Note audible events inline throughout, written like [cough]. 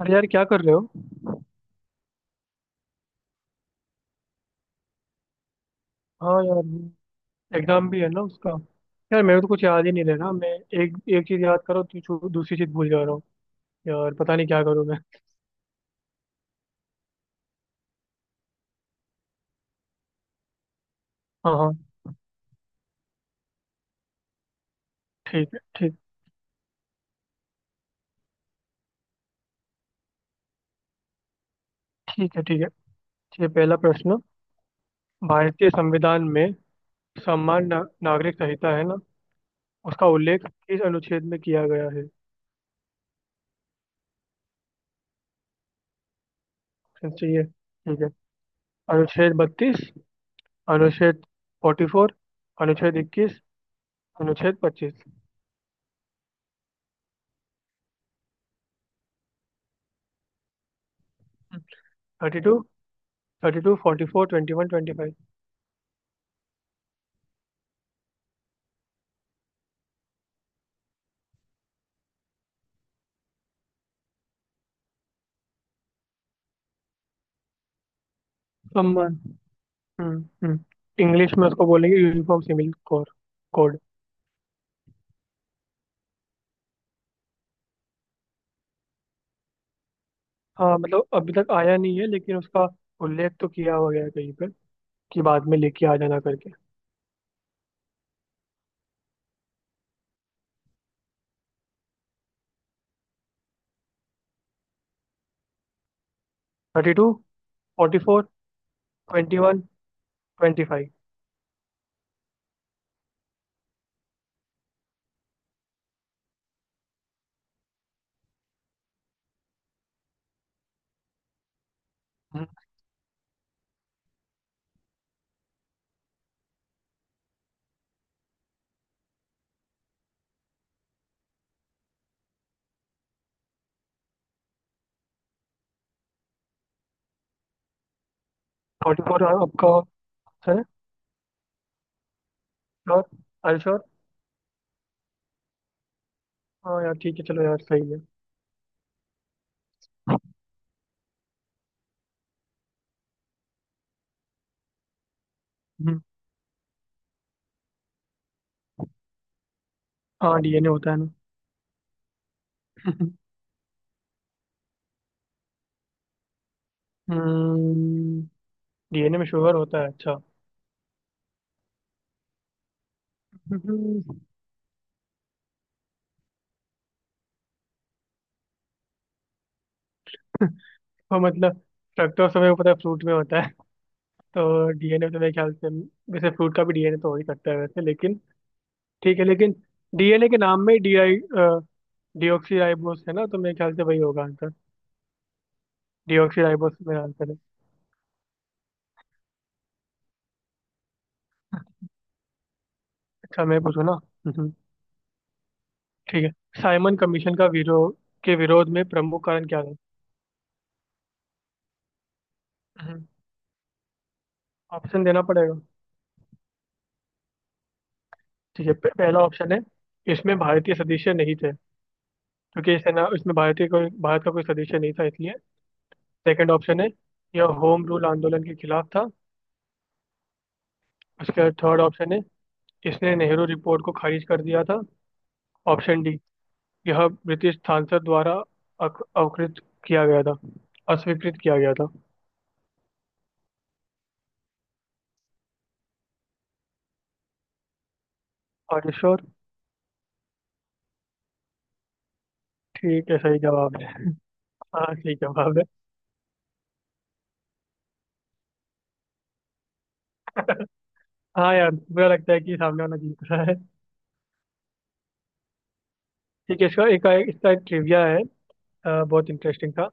अरे यार, क्या कर रहे हो। हाँ यार। एग्जाम भी है ना उसका। यार, मेरे को तो कुछ याद ही नहीं रह रहा। मैं एक एक चीज याद करो तो दूसरी चीज भूल जा रहा हूँ। यार पता नहीं क्या करूँ मैं। हाँ हाँ। ठीक है, ठीक। ठीक है, ठीक है। ये पहला प्रश्न। भारतीय संविधान में सम्मान ना, नागरिक संहिता है ना, उसका उल्लेख किस अनुच्छेद में किया गया है? Options चाहिए? ठीक है। अनुच्छेद 32। अनुच्छेद 44। अनुच्छेद 21। अनुच्छेद 25। 32। 32, 44, 21, 25। सम्मान। हम्म। हम्म। इंग्लिश में उसको बोलेंगे यूनिफॉर्म सिविल कोड। कोड। हाँ, मतलब अभी तक आया नहीं है, लेकिन उसका उल्लेख तो किया हुआ गया है कहीं पर कि बाद में लेके आ जाना करके। 32। 44। 21। Twenty five. 44 आपका option है? श्योर? I sure. हाँ यार ठीक है, चलो यार सही है। हम्म। हाँ, डीएनए होता है ना। [laughs] हम्म। डीएनए में शुगर होता है, अच्छा। [laughs] हम्म, वो मतलब फ्रक्टोज हमें पता है फ्रूट में होता है। तो डीएनए तो मेरे ख्याल से, जैसे फ्रूट का भी डीएनए तो हो ही सकता है वैसे, लेकिन ठीक है, लेकिन डीएनए के नाम में ही डी आई डीऑक्सी राइबोस है ना, तो मेरे ख्याल से वही होगा आंसर। डीऑक्सी राइबोस मेरा आंसर है। अच्छा, मैं पूछूं ना? हम्म। ठीक है। साइमन कमीशन का विरोध, के विरोध में प्रमुख कारण क्या था? ऑप्शन देना पड़ेगा, ठीक है। पहला ऑप्शन है। इसमें भारतीय सदस्य नहीं थे। क्योंकि इसे ना इसमें भारतीय, कोई भारत का कोई सदस्य नहीं था इसलिए। सेकंड ऑप्शन है। यह होम रूल आंदोलन के खिलाफ था। उसके बाद थर्ड ऑप्शन है। इसने नेहरू रिपोर्ट को खारिज कर दिया था। Option D. यह ब्रिटिश सांसद द्वारा अकृत किया गया था, अस्वीकृत किया गया था। और श्योर? ठीक है, सही जवाब है। हाँ, सही जवाब है। हाँ यार, बुरा लगता है कि सामने वाला जीत रहा है। ठीक है। इसका ट्रिविया है। बहुत इंटरेस्टिंग था।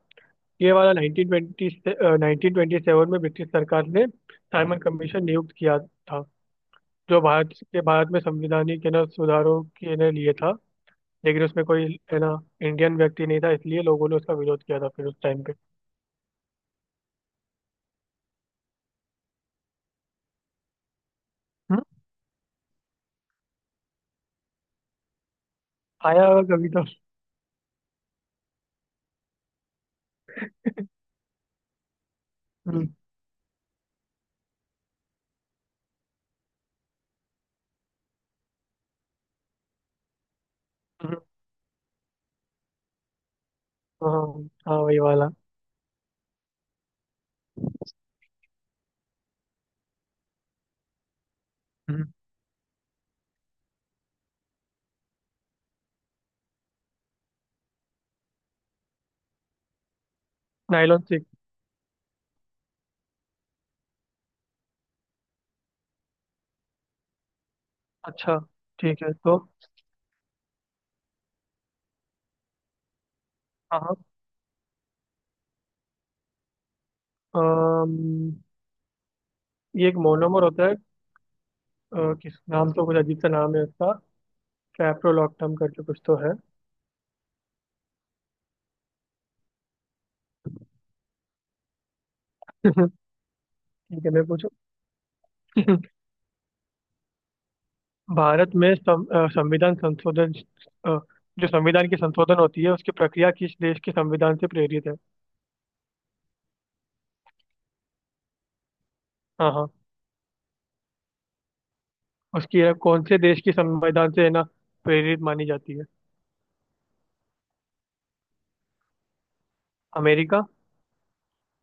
ये वाला 1920 से 1927 में ब्रिटिश सरकार ने साइमन कमीशन नियुक्त किया था। जो भारत में संविधानिक है ना, सुधारों के ने लिए था। लेकिन उसमें कोई है ना, इंडियन व्यक्ति नहीं था, इसलिए लोगों ने उसका विरोध किया था फिर उस टाइम पे। हम्म। आया होगा कभी तो। हम्म। हम्म। हाँ हाँ, वही वाला। हम्म। नायलॉन सिक। अच्छा। ठीक है तो। हाँ हाँ। अम, ये एक मोनोमर होता है। किस नाम तो कुछ अजीब सा नाम है उसका। कैप्रोलॉक्टम करके कुछ तो है। [laughs] ठीक है, मैं पूछू। [laughs] भारत में संविधान संशोधन, अ, जो संविधान की संशोधन होती है उसकी प्रक्रिया किस देश के संविधान से प्रेरित है? हाँ हाँ। उसकी है, कौन से देश की संविधान से है ना प्रेरित मानी जाती है। अमेरिका।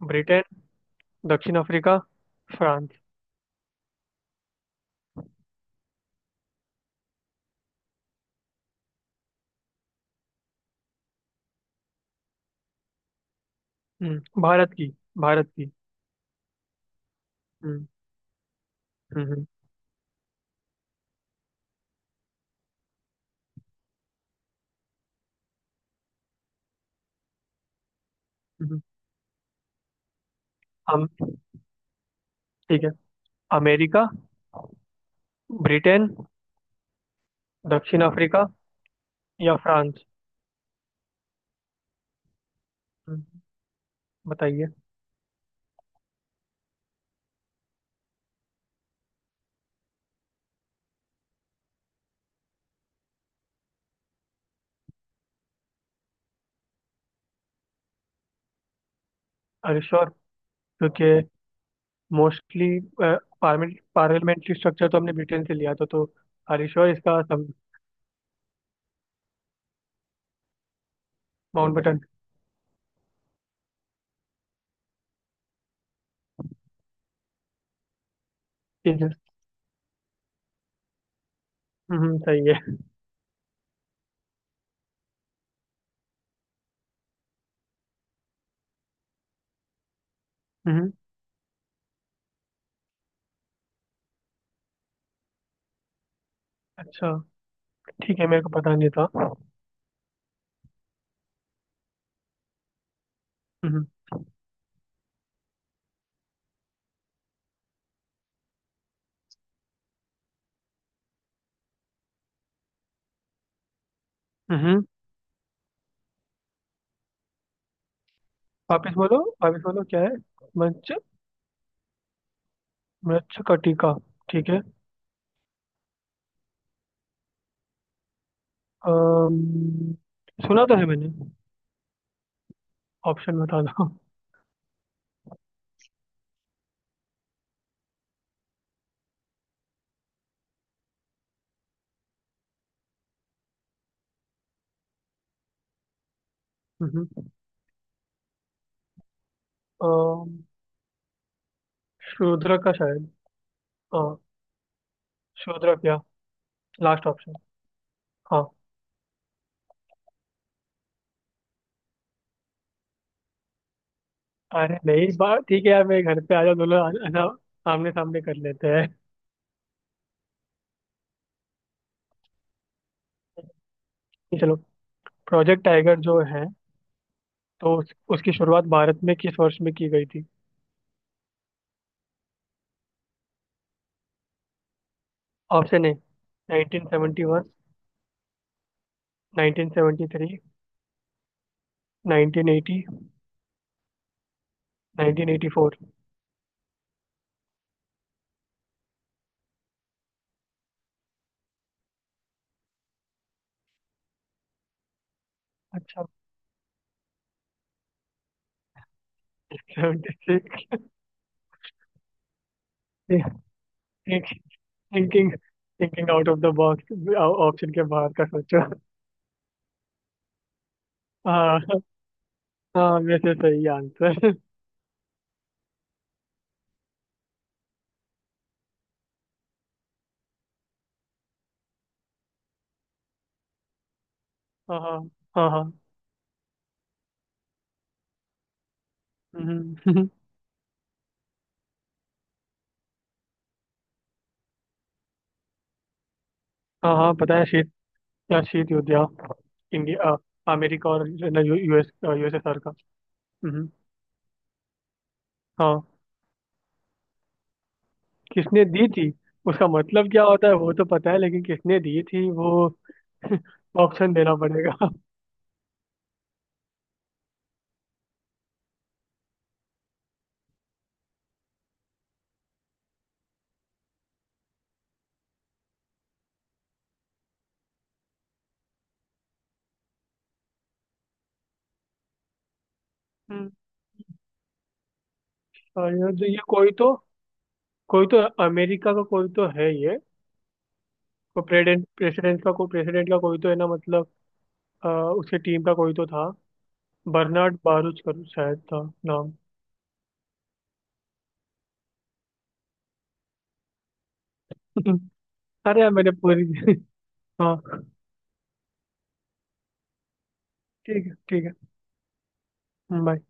ब्रिटेन। दक्षिण अफ्रीका। फ्रांस। हम्म, भारत की। भारत की। हम्म हम्म। हम्म। हम। ठीक है। अमेरिका। ब्रिटेन। दक्षिण अफ्रीका या फ्रांस। हम्म, बताइए। अरे श्योर। क्योंकि मोस्टली पार्लियामेंट्री स्ट्रक्चर तो हमने ब्रिटेन से लिया था तो। अरे श्योर, इसका सम। माउंटबेटन। ठीक है। सही है। हम्म। अच्छा। ठीक है, मेरे को पता नहीं था। हम्म। हम्म। वापिस बोलो, वापिस बोलो, क्या है? मच्छ मच्छ कटिका। ठीक है। अम्म, सुना तो है मैंने। ऑप्शन बता दो। [laughs] हम्म, अम्म, शूद्रक का शायद। हाँ, शूद्रक, या लास्ट ऑप्शन। हाँ। अरे नहीं, बात ठीक है यार, मेरे घर पे आ जाओ दोनों, आना। आमने सामने कर लेते हैं। [laughs] चलो। प्रोजेक्ट टाइगर जो है, तो उसकी शुरुआत भारत में किस वर्ष में की गई थी? Option A. 1971। 1973। 1980। 1984। अच्छा, 76। Thinking thinking out of the box. Option के बाहर का सोचो। [laughs] हाँ हाँ, वैसे सही आंसर। [laughs] हाँ हाँ हाँ हाँ। हम्म। [laughs] हाँ हाँ, पता है, शीत, या शीत युद्ध, या इंडिया, अमेरिका और यूएसएसआर का। हम्म। हाँ, किसने दी थी? उसका मतलब क्या होता है वो तो पता है, लेकिन किसने दी थी वो? [laughs] ऑप्शन देना पड़ेगा। [laughs] हम्म, और ये कोई तो, कोई तो, अमेरिका का कोई तो है ये। वो प्रेसिडेंट प्रेसिडेंट का कोई तो है ना, मतलब अ, उसके टीम का कोई तो था। बर्नार्ड बारूच कर शायद था नाम। [laughs] अरे यार, मैंने पूरी [laughs] हाँ। ठीक है, ठीक है, बाय।